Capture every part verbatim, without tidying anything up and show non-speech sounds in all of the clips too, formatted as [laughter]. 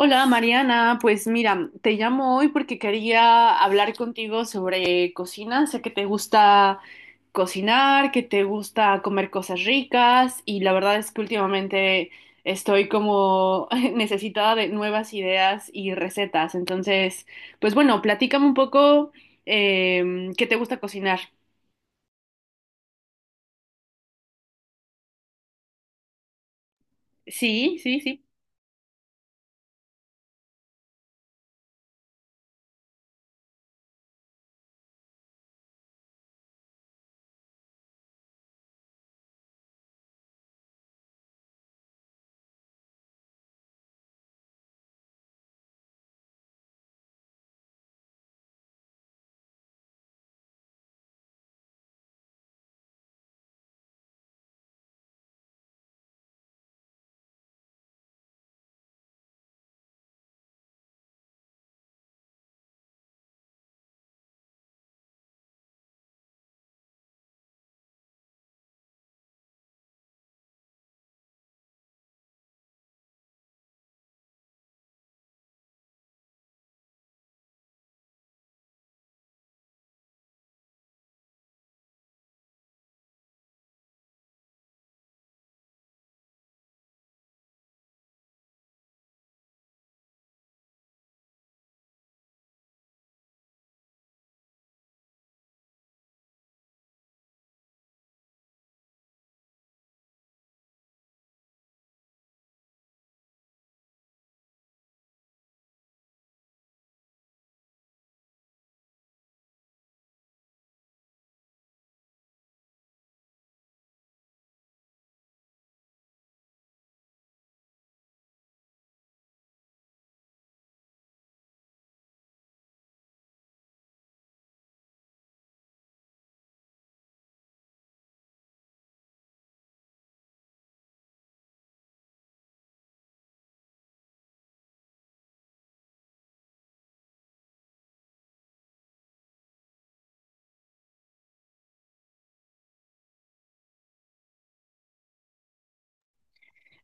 Hola Mariana, pues mira, te llamo hoy porque quería hablar contigo sobre cocina. Sé que te gusta cocinar, que te gusta comer cosas ricas y la verdad es que últimamente estoy como [laughs] necesitada de nuevas ideas y recetas. Entonces, pues bueno, platícame un poco eh, qué te gusta cocinar. Sí, sí, sí.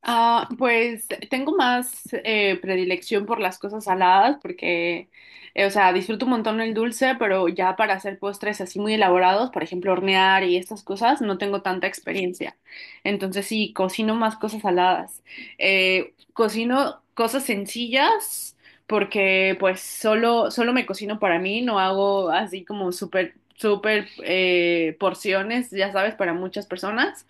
Ah, pues tengo más eh, predilección por las cosas saladas porque, eh, o sea, disfruto un montón el dulce, pero ya para hacer postres así muy elaborados, por ejemplo, hornear y estas cosas, no tengo tanta experiencia. Entonces sí, cocino más cosas saladas. Eh, cocino cosas sencillas porque pues solo, solo me cocino para mí, no hago así como súper, súper eh, porciones, ya sabes, para muchas personas.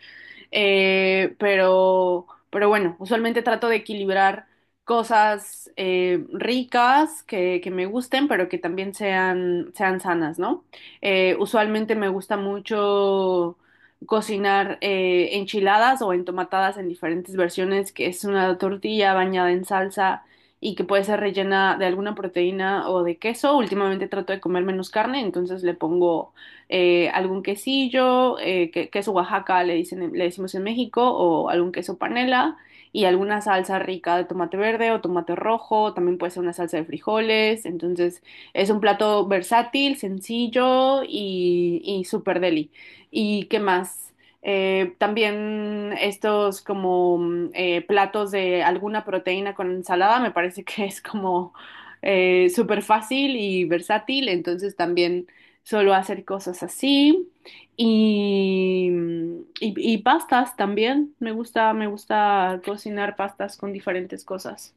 Eh, pero, pero bueno, usualmente trato de equilibrar cosas eh, ricas que, que me gusten, pero que también sean, sean sanas, ¿no? Eh, usualmente me gusta mucho cocinar eh, enchiladas o entomatadas en diferentes versiones, que es una tortilla bañada en salsa y que puede ser rellena de alguna proteína o de queso. Últimamente trato de comer menos carne, entonces le pongo eh, algún quesillo, eh, que- queso Oaxaca le dicen, le decimos en México, o algún queso panela y alguna salsa rica de tomate verde o tomate rojo, también puede ser una salsa de frijoles, entonces es un plato versátil, sencillo y, y súper deli. ¿Y qué más? Eh, también estos como mm, eh, platos de alguna proteína con ensalada me parece que es como eh, súper fácil y versátil, entonces también solo hacer cosas así. Y, y- y pastas también. Me gusta, me gusta cocinar pastas con diferentes cosas.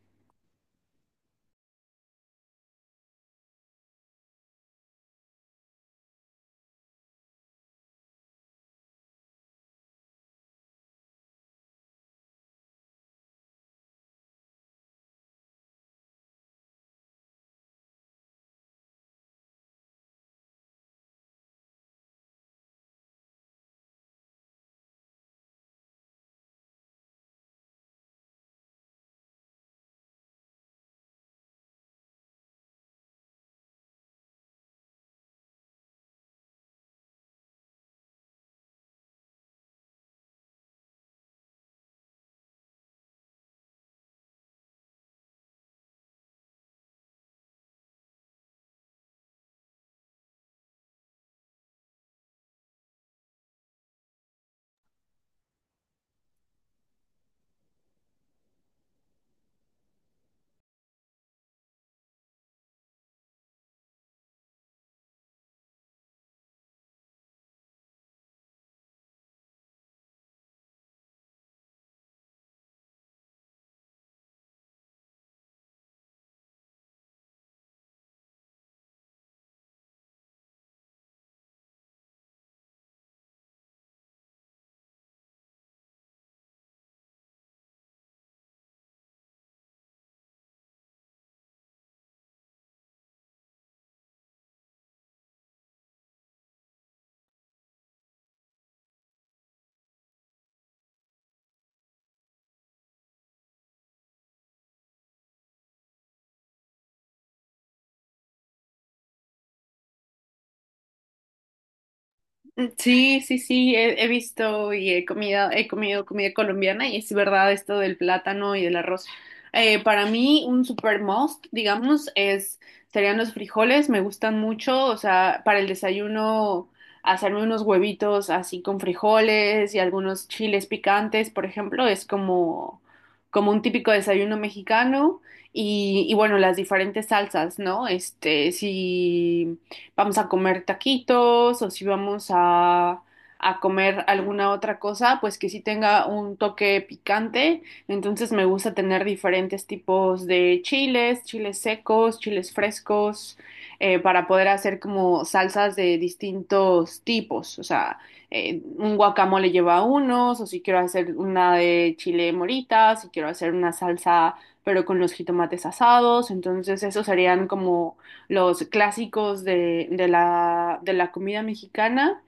Sí, sí, sí, he, he visto y he comido, he comido comida colombiana y es verdad esto del plátano y del arroz. Eh, para mí un super must, digamos, es serían los frijoles, me gustan mucho, o sea, para el desayuno hacerme unos huevitos así con frijoles y algunos chiles picantes, por ejemplo, es como como un típico desayuno mexicano y, y bueno, las diferentes salsas, ¿no? Este, sí vamos a comer taquitos o si vamos a, a comer alguna otra cosa, pues que sí tenga un toque picante. Entonces me gusta tener diferentes tipos de chiles, chiles secos, chiles frescos, eh, para poder hacer como salsas de distintos tipos. O sea, eh, un guacamole lleva unos, o si quiero hacer una de chile morita, si quiero hacer una salsa pero con los jitomates asados, entonces esos serían como los clásicos de, de la, de la comida mexicana.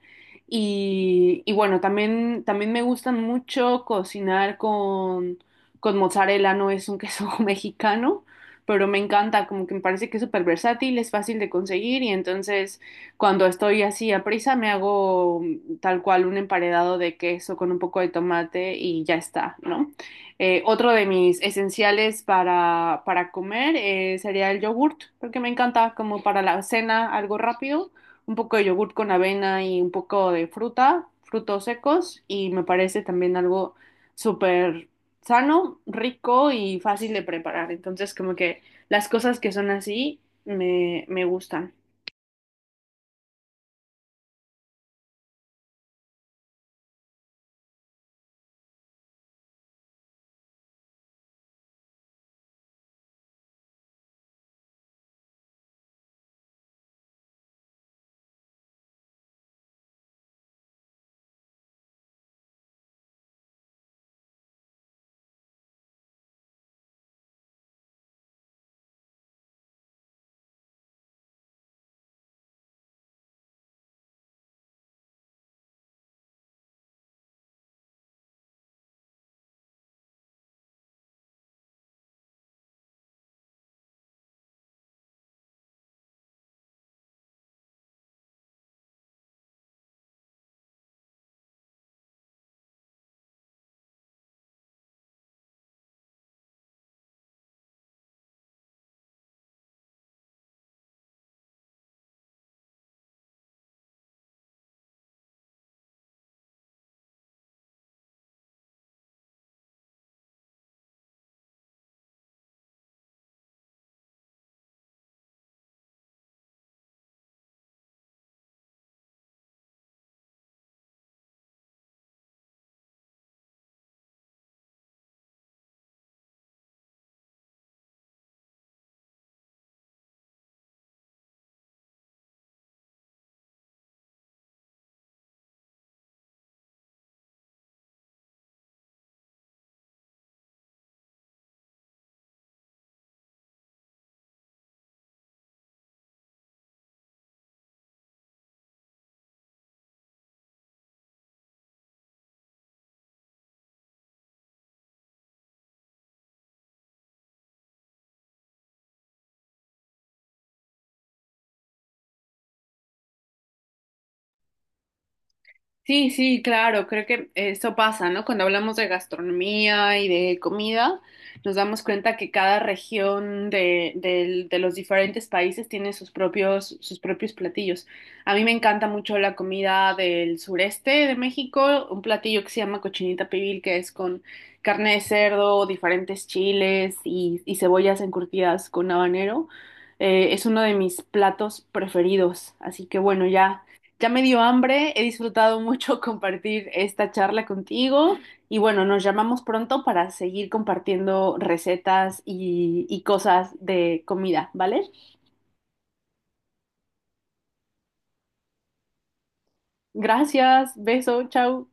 Y, y bueno, también, también me gustan mucho cocinar con, con mozzarella, no es un queso [laughs] mexicano, pero me encanta, como que me parece que es súper versátil, es fácil de conseguir y entonces cuando estoy así a prisa me hago mm, tal cual un emparedado de queso con un poco de tomate y ya está, ¿no? Eh, otro de mis esenciales para, para comer eh, sería el yogurt, porque me encanta como para la cena algo rápido, un poco de yogurt con avena y un poco de fruta, frutos secos, y me parece también algo súper sano, rico y fácil de preparar. Entonces, como que las cosas que son así me, me gustan. Sí, sí, claro, creo que eso pasa, ¿no? Cuando hablamos de gastronomía y de comida, nos damos cuenta que cada región de, del- de los diferentes países tiene sus propios, sus propios platillos. A mí me encanta mucho la comida del sureste de México, un platillo que se llama cochinita pibil, que es con carne de cerdo, diferentes chiles y, y cebollas encurtidas con habanero. Eh, es uno de mis platos preferidos, así que bueno, ya. Ya me dio hambre, he disfrutado mucho [laughs] compartir esta charla contigo y bueno, nos llamamos pronto para seguir compartiendo recetas y, y cosas de comida, ¿vale? Gracias, beso, chao.